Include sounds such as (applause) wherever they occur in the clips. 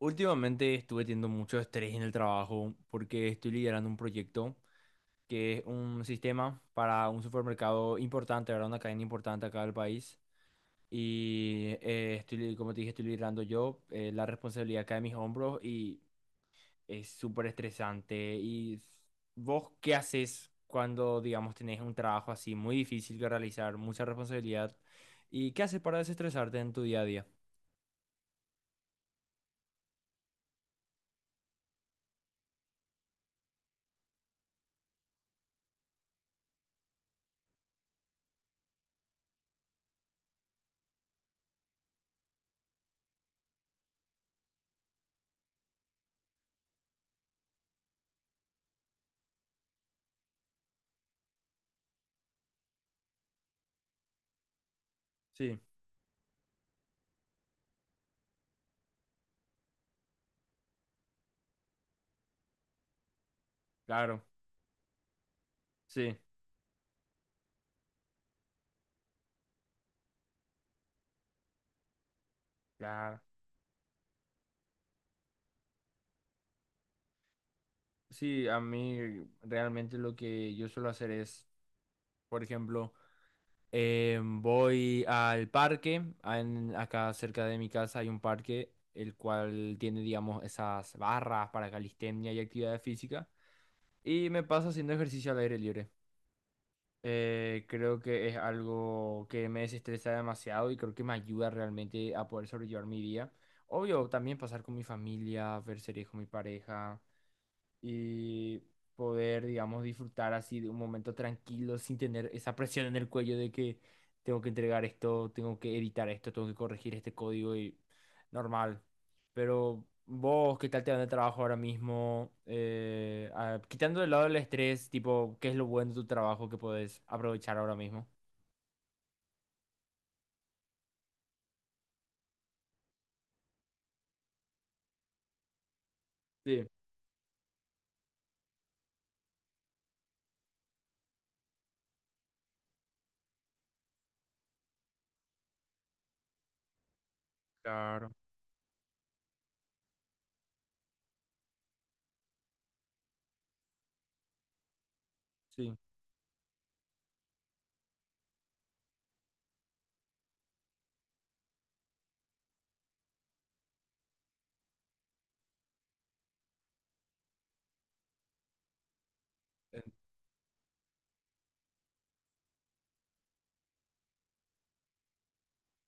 Últimamente estuve teniendo mucho estrés en el trabajo porque estoy liderando un proyecto que es un sistema para un supermercado importante, ¿verdad? Una cadena importante acá del país. Y como te dije, estoy liderando yo. La responsabilidad cae en mis hombros y es súper estresante. ¿Y vos qué haces cuando, digamos, tenés un trabajo así muy difícil que realizar, mucha responsabilidad? ¿Y qué haces para desestresarte en tu día a día? Sí, claro, sí. Claro. Sí, a mí realmente lo que yo suelo hacer es, por ejemplo, voy al parque, acá cerca de mi casa hay un parque, el cual tiene, digamos, esas barras para calistenia y actividad física, y me paso haciendo ejercicio al aire libre. Creo que es algo que me desestresa demasiado y creo que me ayuda realmente a poder sobrellevar mi día. Obvio, también pasar con mi familia, ver series con mi pareja, y poder, digamos, disfrutar así de un momento tranquilo sin tener esa presión en el cuello de que tengo que entregar esto, tengo que editar esto, tengo que corregir este código y normal. Pero vos, ¿qué tal te va en el trabajo ahora mismo? Quitando de lado el estrés, tipo, ¿qué es lo bueno de tu trabajo que podés aprovechar ahora mismo? Sí, claro. Sí.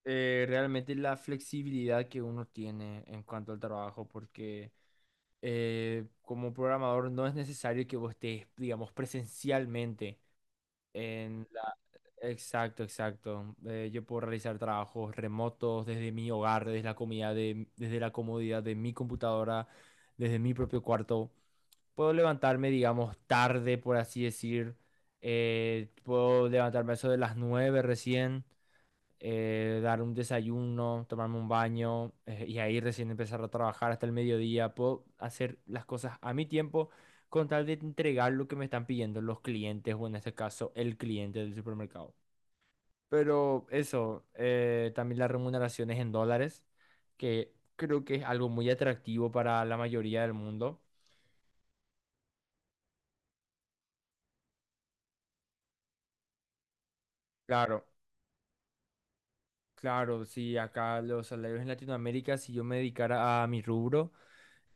Realmente la flexibilidad que uno tiene en cuanto al trabajo, porque como programador no es necesario que vos estés, digamos, presencialmente en la... Exacto, exacto. Yo puedo realizar trabajos remotos desde mi hogar, desde la comodidad de mi computadora, desde mi propio cuarto. Puedo levantarme, digamos, tarde, por así decir. Puedo levantarme a eso de las 9 recién, dar un desayuno, tomarme un baño, y ahí recién empezar a trabajar hasta el mediodía. Puedo hacer las cosas a mi tiempo con tal de entregar lo que me están pidiendo los clientes o en este caso el cliente del supermercado. Pero eso, también las remuneraciones en dólares, que creo que es algo muy atractivo para la mayoría del mundo. Claro, claro, si acá los salarios en Latinoamérica, si yo me dedicara a mi rubro,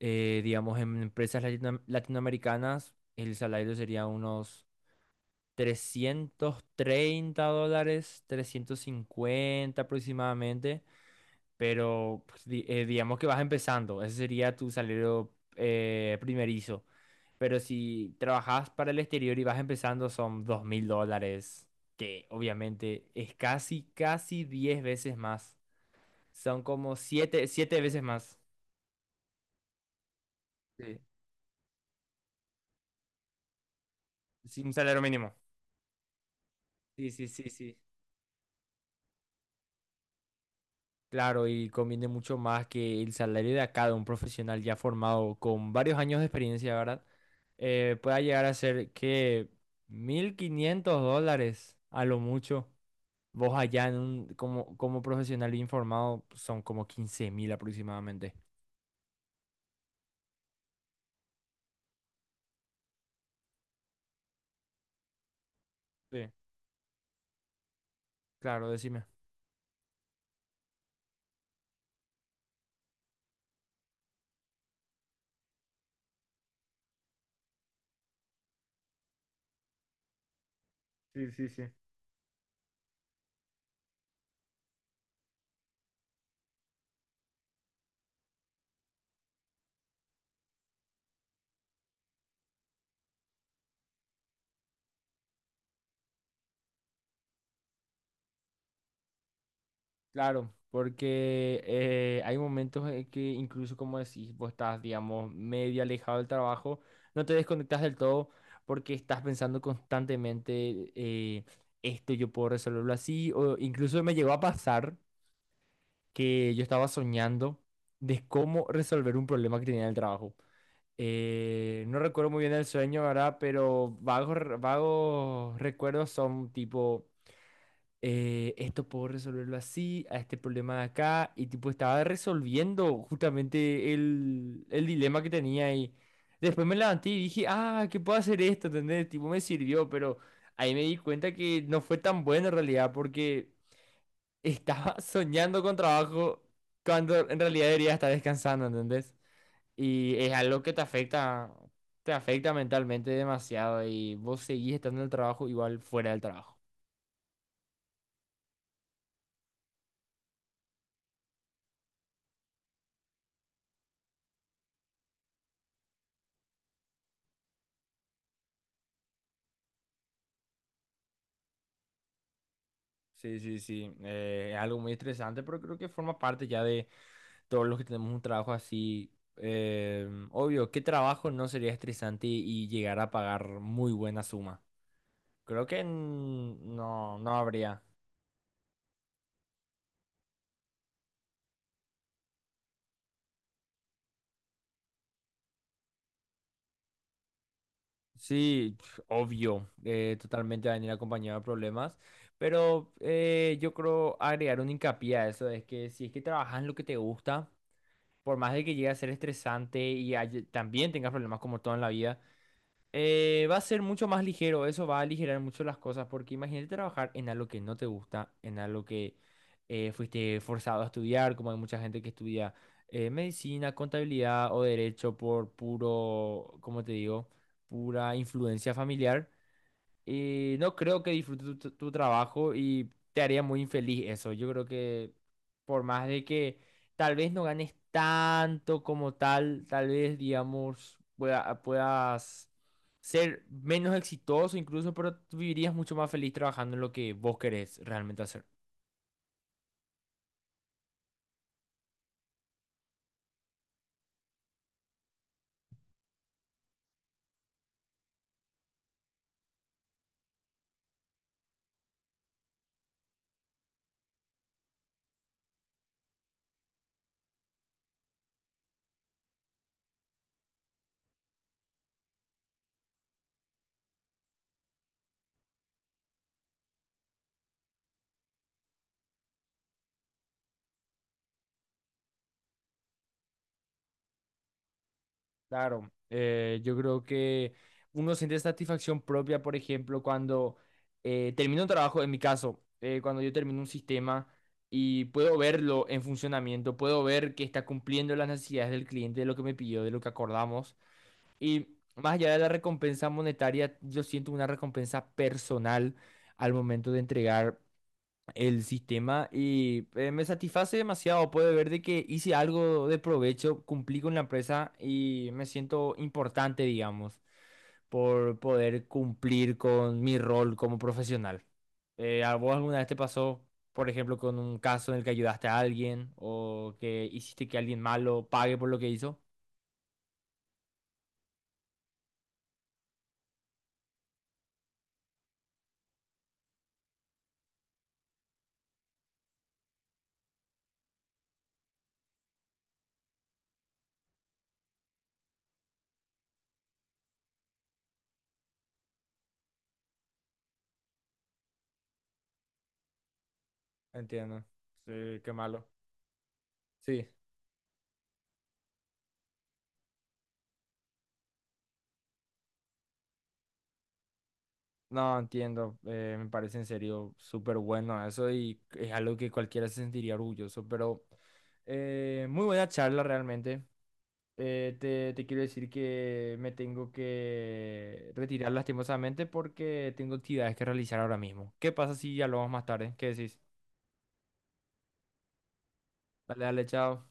Digamos, en empresas latinoamericanas, el salario sería unos $330, 350 aproximadamente, pero pues, digamos que vas empezando, ese sería tu salario primerizo. Pero si trabajas para el exterior y vas empezando, son $2,000, que obviamente es casi, casi 10 veces más. Son como siete veces más. Sí. Sí, un salario mínimo. Sí, sí, sí, sí. Claro, y conviene mucho más que el salario de acá de un profesional ya formado con varios años de experiencia, ¿verdad? Pueda llegar a ser que $1,500 a lo mucho. Vos allá en un, como profesional informado son como 15.000 aproximadamente. Sí. Claro, decime. Sí, sí, sí. Claro, porque hay momentos en que incluso como decís, vos estás, digamos, medio alejado del trabajo, no te desconectas del todo porque estás pensando constantemente, esto yo puedo resolverlo así, o incluso me llegó a pasar que yo estaba soñando de cómo resolver un problema que tenía en el trabajo. No recuerdo muy bien el sueño, ¿verdad? Pero vagos, vagos recuerdos son tipo, esto puedo resolverlo así, a este problema de acá, y tipo estaba resolviendo justamente el dilema que tenía y después me levanté y dije, ah, que puedo hacer esto, ¿entendés? Tipo, me sirvió, pero ahí me di cuenta que no fue tan bueno en realidad, porque estaba (laughs) soñando con trabajo cuando en realidad debería estar descansando, ¿entendés? Y es algo que te afecta mentalmente demasiado y vos seguís estando en el trabajo igual fuera del trabajo. Sí, sí, sí. Es algo muy estresante, pero creo que forma parte ya de todos los que tenemos un trabajo así. Obvio, ¿qué trabajo no sería estresante y llegar a pagar muy buena suma? Creo que no, no habría. Sí, (sniffs) obvio, totalmente va a venir acompañado de problemas, pero yo creo agregar un hincapié a eso, es que si es que trabajas en lo que te gusta, por más de que llegue a ser estresante y también tengas problemas como todo en la vida, va a ser mucho más ligero, eso va a aligerar mucho las cosas, porque imagínate trabajar en algo que no te gusta, en algo que fuiste forzado a estudiar, como hay mucha gente que estudia medicina, contabilidad o derecho por puro, ¿cómo te digo? Pura influencia familiar. Y no creo que disfrutes tu trabajo y te haría muy infeliz eso. Yo creo que por más de que tal vez no ganes tanto como tal vez, digamos, puedas ser menos exitoso incluso, pero tú vivirías mucho más feliz trabajando en lo que vos querés realmente hacer. Claro, yo creo que uno siente satisfacción propia, por ejemplo, cuando termino un trabajo, en mi caso, cuando yo termino un sistema y puedo verlo en funcionamiento, puedo ver que está cumpliendo las necesidades del cliente, de lo que me pidió, de lo que acordamos. Y más allá de la recompensa monetaria, yo siento una recompensa personal al momento de entregar el sistema y me satisface demasiado poder ver de que hice algo de provecho, cumplí con la empresa y me siento importante, digamos, por poder cumplir con mi rol como profesional. ¿A vos alguna vez te pasó, por ejemplo, con un caso en el que ayudaste a alguien o que hiciste que alguien malo pague por lo que hizo? Entiendo. Sí, qué malo. Sí. No, entiendo, me parece en serio súper bueno eso y es algo que cualquiera se sentiría orgulloso, pero muy buena charla realmente. Te quiero decir que me tengo que retirar lastimosamente porque tengo actividades que realizar ahora mismo. ¿Qué pasa si hablamos más tarde? ¿Qué decís? Dale, dale, chao.